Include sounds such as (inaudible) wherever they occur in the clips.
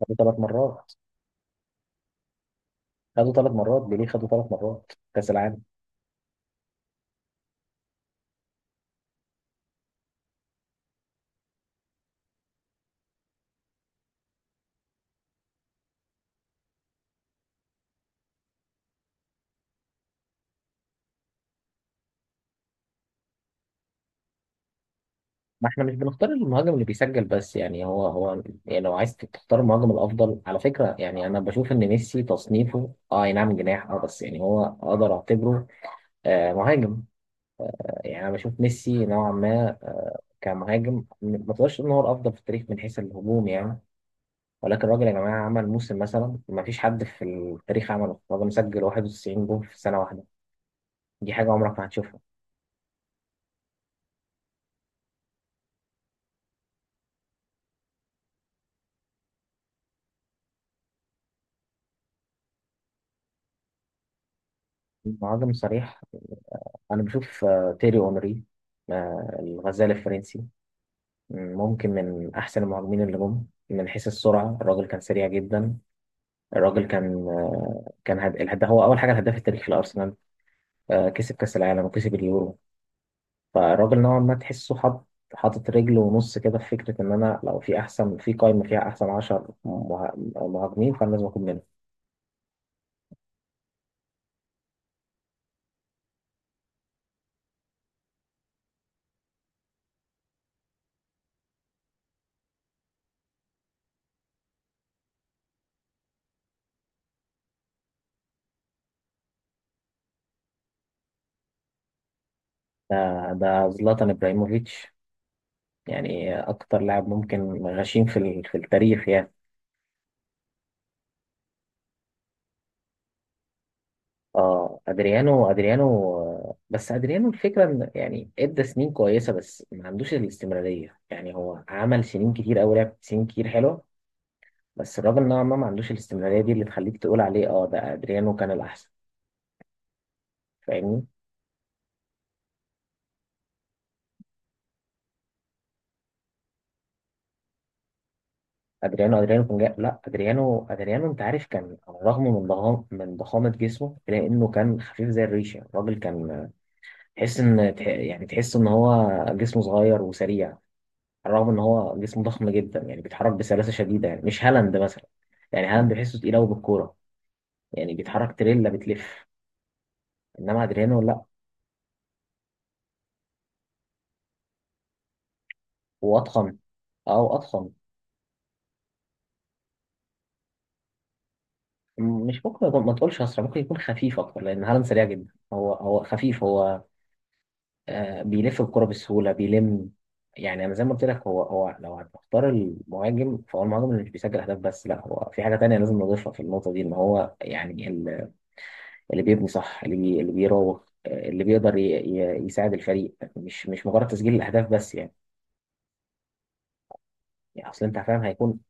خدوا ثلاث مرات خدوا ثلاث مرات بيليه، خدوا ثلاث مرات كأس العالم. ما احنا مش بنختار المهاجم اللي بيسجل بس، يعني هو يعني لو عايز تختار المهاجم الافضل على فكره، يعني انا بشوف ان ميسي تصنيفه أي نعم جناح، بس يعني هو اقدر اعتبره مهاجم. يعني انا بشوف ميسي نوعا ما كمهاجم، ما تقدرش ان هو الافضل في التاريخ من حيث الهجوم يعني. ولكن الراجل يا جماعه عمل موسم مثلا ما فيش حد في التاريخ عمله، الراجل مسجل 91 جول في سنه واحده. دي حاجه عمرك ما هتشوفها. مهاجم صريح. أنا بشوف تيري أونري، آه، الغزال الفرنسي، ممكن من أحسن المهاجمين اللي جم، من حيث السرعة الراجل كان سريع جدا. الراجل كان كان الهداف، هو أول حاجة الهداف التاريخي لأرسنال. آه، كسب كأس العالم وكسب اليورو. فالراجل نوعا ما تحسه حاطط رجل ونص كده في فكرة إن أنا لو في أحسن، في قائمة فيها أحسن 10 مهاجمين فأنا لازم أكون منهم. ده ده زلاتان إبراهيموفيتش، يعني أكتر لاعب ممكن غشيم في في التاريخ يعني. اه ادريانو، ادريانو، آه، بس ادريانو الفكره ان يعني ادى سنين كويسه بس ما عندوش الاستمراريه. يعني هو عمل سنين كتير قوي، لعب سنين كتير حلوه، بس الراجل نوعا ما ما عندوش الاستمراريه دي اللي تخليك تقول عليه اه ده ادريانو كان الاحسن. فاهمني؟ ادريانو ادريانو كان جاي لا ادريانو، ادريانو، انت عارف، كان على الرغم من ضخامه جسمه الا انه كان خفيف زي الريشه. الراجل كان، آه، تحس ان هو جسمه صغير وسريع، رغم ان هو جسمه ضخم جدا. يعني بيتحرك بسلاسه شديده، يعني مش هالاند مثلا. يعني هالاند بحسه تقيل قوي بالكوره، يعني بيتحرك تريلا بتلف. انما ادريانو لا. هو اضخم او اضخم. مش ممكن يكون، ما تقولش اسرع، ممكن يكون خفيف اكتر، لان هالاند سريع جدا. هو هو خفيف. آه بيلف الكوره بسهوله، بيلم. يعني انا زي ما قلت لك، هو لو هتختار المهاجم، فهو المهاجم اللي مش بيسجل اهداف بس، لا هو في حاجه تانية لازم نضيفها في النقطه دي، ان هو يعني اللي بيبني صح، اللي بيراوغ، آه، اللي بيقدر يساعد الفريق، مش مجرد تسجيل الاهداف بس يعني. يعني اصل انت فاهم هيكون.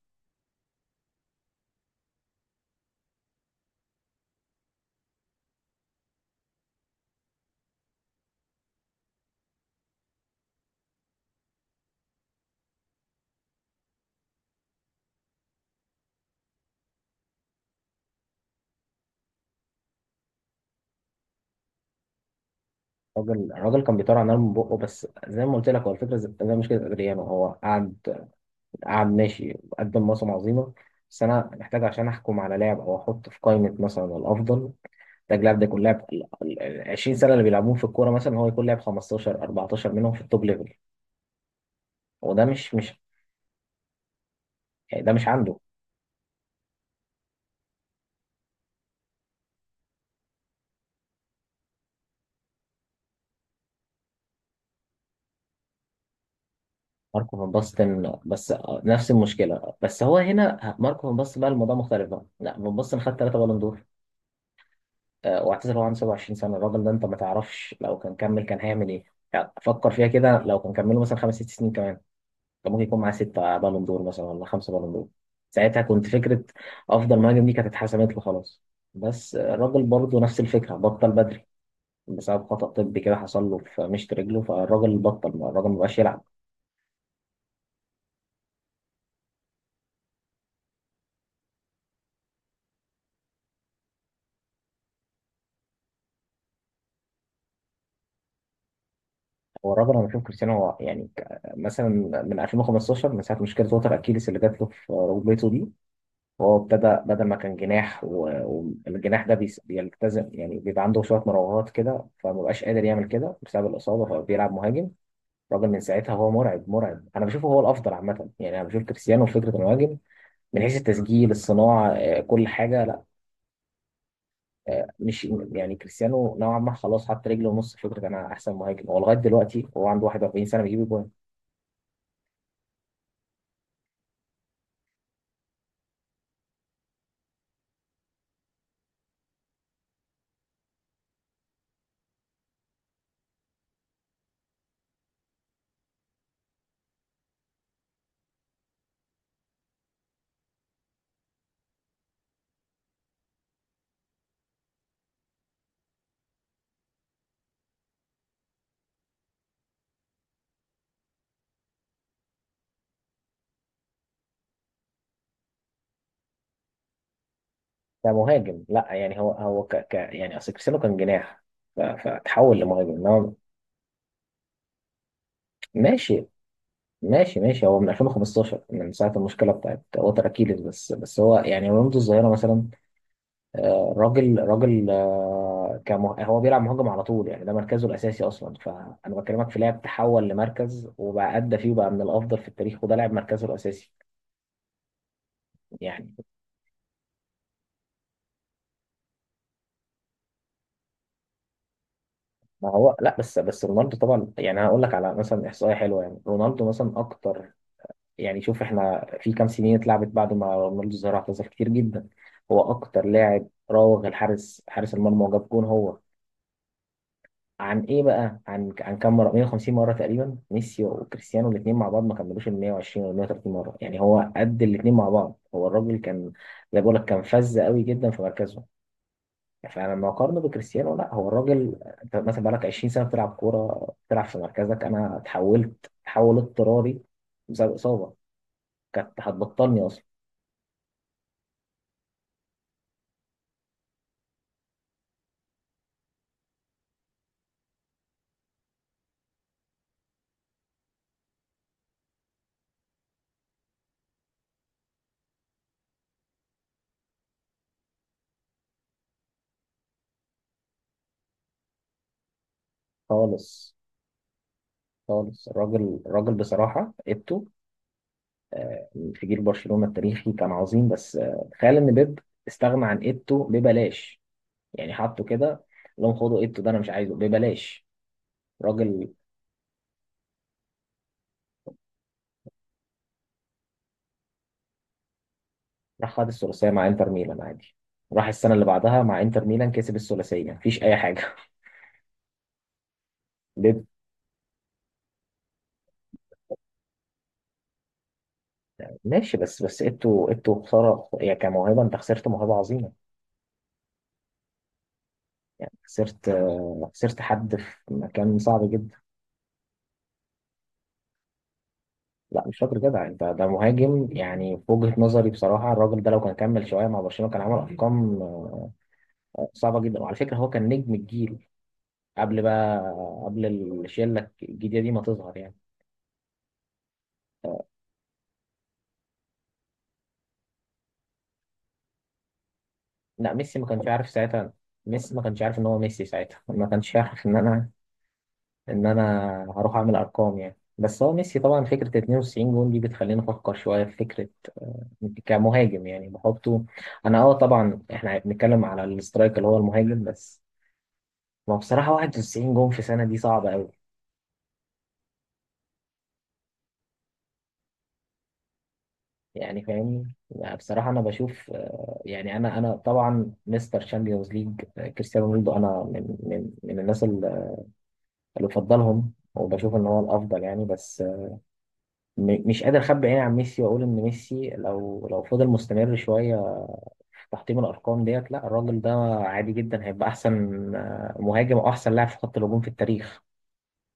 الراجل كان بيطلع نار من بقه، بس زي ما قلت لك هو الفكره زي مشكله ادريانو. هو قعد، قعد ماشي، قدم موسم عظيمه، بس انا محتاج عشان احكم على لاعب او احط في قائمه مثلا الافضل، محتاج لاعب ده يكون لاعب ال 20 سنه اللي بيلعبوهم في الكوره، مثلا هو يكون لاعب 15 14 منهم في التوب ليفل. وده مش، يعني ده مش عنده. ماركو فان باستن، بس آه، نفس المشكله. بس هو هنا ماركو فان باستن بقى الموضوع مختلف بقى، لا فان باستن خد ثلاثه بالون دور، آه، واعتزل وهو عنده 27 سنه. الراجل ده انت ما تعرفش لو كان كمل كان هيعمل ايه. يعني فكر فيها كده، لو كان كمله مثلا خمس ست سنين كمان، كان ممكن يكون معاه سته بالون دور مثلا، ولا خمسه بالون دور، ساعتها كنت فكره افضل مهاجم دي كانت اتحسمت له خلاص. بس آه، الراجل برضه نفس الفكره، بطل بدري بسبب خطأ طبي كده حصل له في مشط رجله. فالراجل بطل، الراجل ما بقاش يلعب. هو الراجل، انا بشوف كريستيانو هو يعني مثلا من 2015، من ساعه مشكله وتر اكيليس اللي جات له في ركبته دي، هو ابتدى بدل ما كان جناح، والجناح ده بيلتزم يعني، بيبقى عنده شويه مراوغات كده، فما بقاش قادر يعمل كده بسبب الاصابه، فبيلعب مهاجم. الراجل من ساعتها هو مرعب، مرعب. انا بشوفه هو الافضل عامه. يعني انا بشوف كريستيانو في فكره المهاجم، من حيث التسجيل، الصناعه، آه، كل حاجه، لا. آه، مش يعني كريستيانو نوعا ما خلاص حط رجله ونص في فكره انا احسن مهاجم، هو لغايه دلوقتي هو عنده 41 سنه بيجيب جوان. ده مهاجم، لا يعني هو يعني اصل كريستيانو كان جناح فتحول لمهاجم، انما. ماشي، ماشي، ماشي. هو من 2015، من ساعة المشكلة بتاعت وتر أكيليس. بس هو يعني رونالدو الظاهرة مثلا، آه، راجل آه، هو بيلعب مهاجم على طول يعني، ده مركزه الأساسي أصلا. فأنا بكلمك في لاعب تحول لمركز وبقى أدى فيه، وبقى من الأفضل في التاريخ، وده لاعب مركزه الأساسي يعني. ما هو لا، بس رونالدو طبعا، يعني هقول لك على مثلا احصائيه حلوه. يعني رونالدو مثلا اكتر، يعني شوف، احنا في كام سنين اتلعبت بعد ما رونالدو الظاهرة اعتزل كتير جدا. هو اكتر لاعب راوغ حارس المرمى وجاب جون. هو عن ايه بقى عن عن كام مره؟ 150 مره تقريبا. ميسي وكريستيانو الاثنين مع بعض ما كملوش ال 120 ولا 130 مره، يعني هو قد الاثنين مع بعض. هو الراجل كان، زي ما بقول لك، كان فذ قوي جدا في مركزه. فانا لما اقارنه بكريستيانو، لا هو الراجل. انت مثلا بقالك 20 سنه بتلعب كوره، بتلعب في مركزك، انا اتحولت تحول اضطراري بسبب اصابه كانت هتبطلني اصلا. خالص. خالص، الراجل، الراجل، بصراحة ايتو في جيل برشلونة التاريخي كان عظيم. بس آه، تخيل ان بيب استغنى عن ايتو ببلاش، يعني حطه كده قال لهم خدوا ايتو ده انا مش عايزه، ببلاش. راجل. راح خد الثلاثية مع انتر ميلان عادي، راح السنة اللي بعدها مع انتر ميلان كسب الثلاثية، مفيش أي حاجة. (laughs) بيب. ماشي، بس ايتو، ايتو خسارة يعني، كموهبة أنت خسرت موهبة عظيمة، خسرت آه، خسرت حد في مكان صعب جدا. لا مش فاكر جدع انت، ده مهاجم يعني، في وجهة نظري بصراحة الراجل ده لو كان كمل شوية مع برشلونة كان عمل أرقام آه، صعبة جدا. وعلى فكرة هو كان نجم الجيل، قبل بقى قبل الشلة الجديدة دي ما تظهر يعني. لا ميسي ما كانش عارف ساعتها، ميسي ما كانش عارف ان هو ميسي ساعتها. (laughs) ما كانش عارف ان انا ان انا هروح اعمل ارقام يعني. بس هو ميسي طبعا فكرة 92 جون دي بتخليني افكر شوية في فكرة كمهاجم، يعني بحطه. انا اه طبعا احنا بنتكلم على الاسترايك اللي هو المهاجم بس. ما بصراحة 91 جون في سنة دي صعبة أوي يعني، فاهمني؟ يعني بصراحة أنا بشوف، آه، يعني أنا طبعا مستر شامبيونز ليج كريستيانو رونالدو، أنا من الناس اللي بفضلهم وبشوف إن هو الأفضل يعني. بس آه، مش قادر أخبي عيني عن ميسي وأقول إن ميسي لو فضل مستمر شوية في تحطيم الأرقام ديت، لا الراجل ده عادي جدا هيبقى أحسن آه، مهاجم، أو أحسن لاعب في خط الهجوم في التاريخ.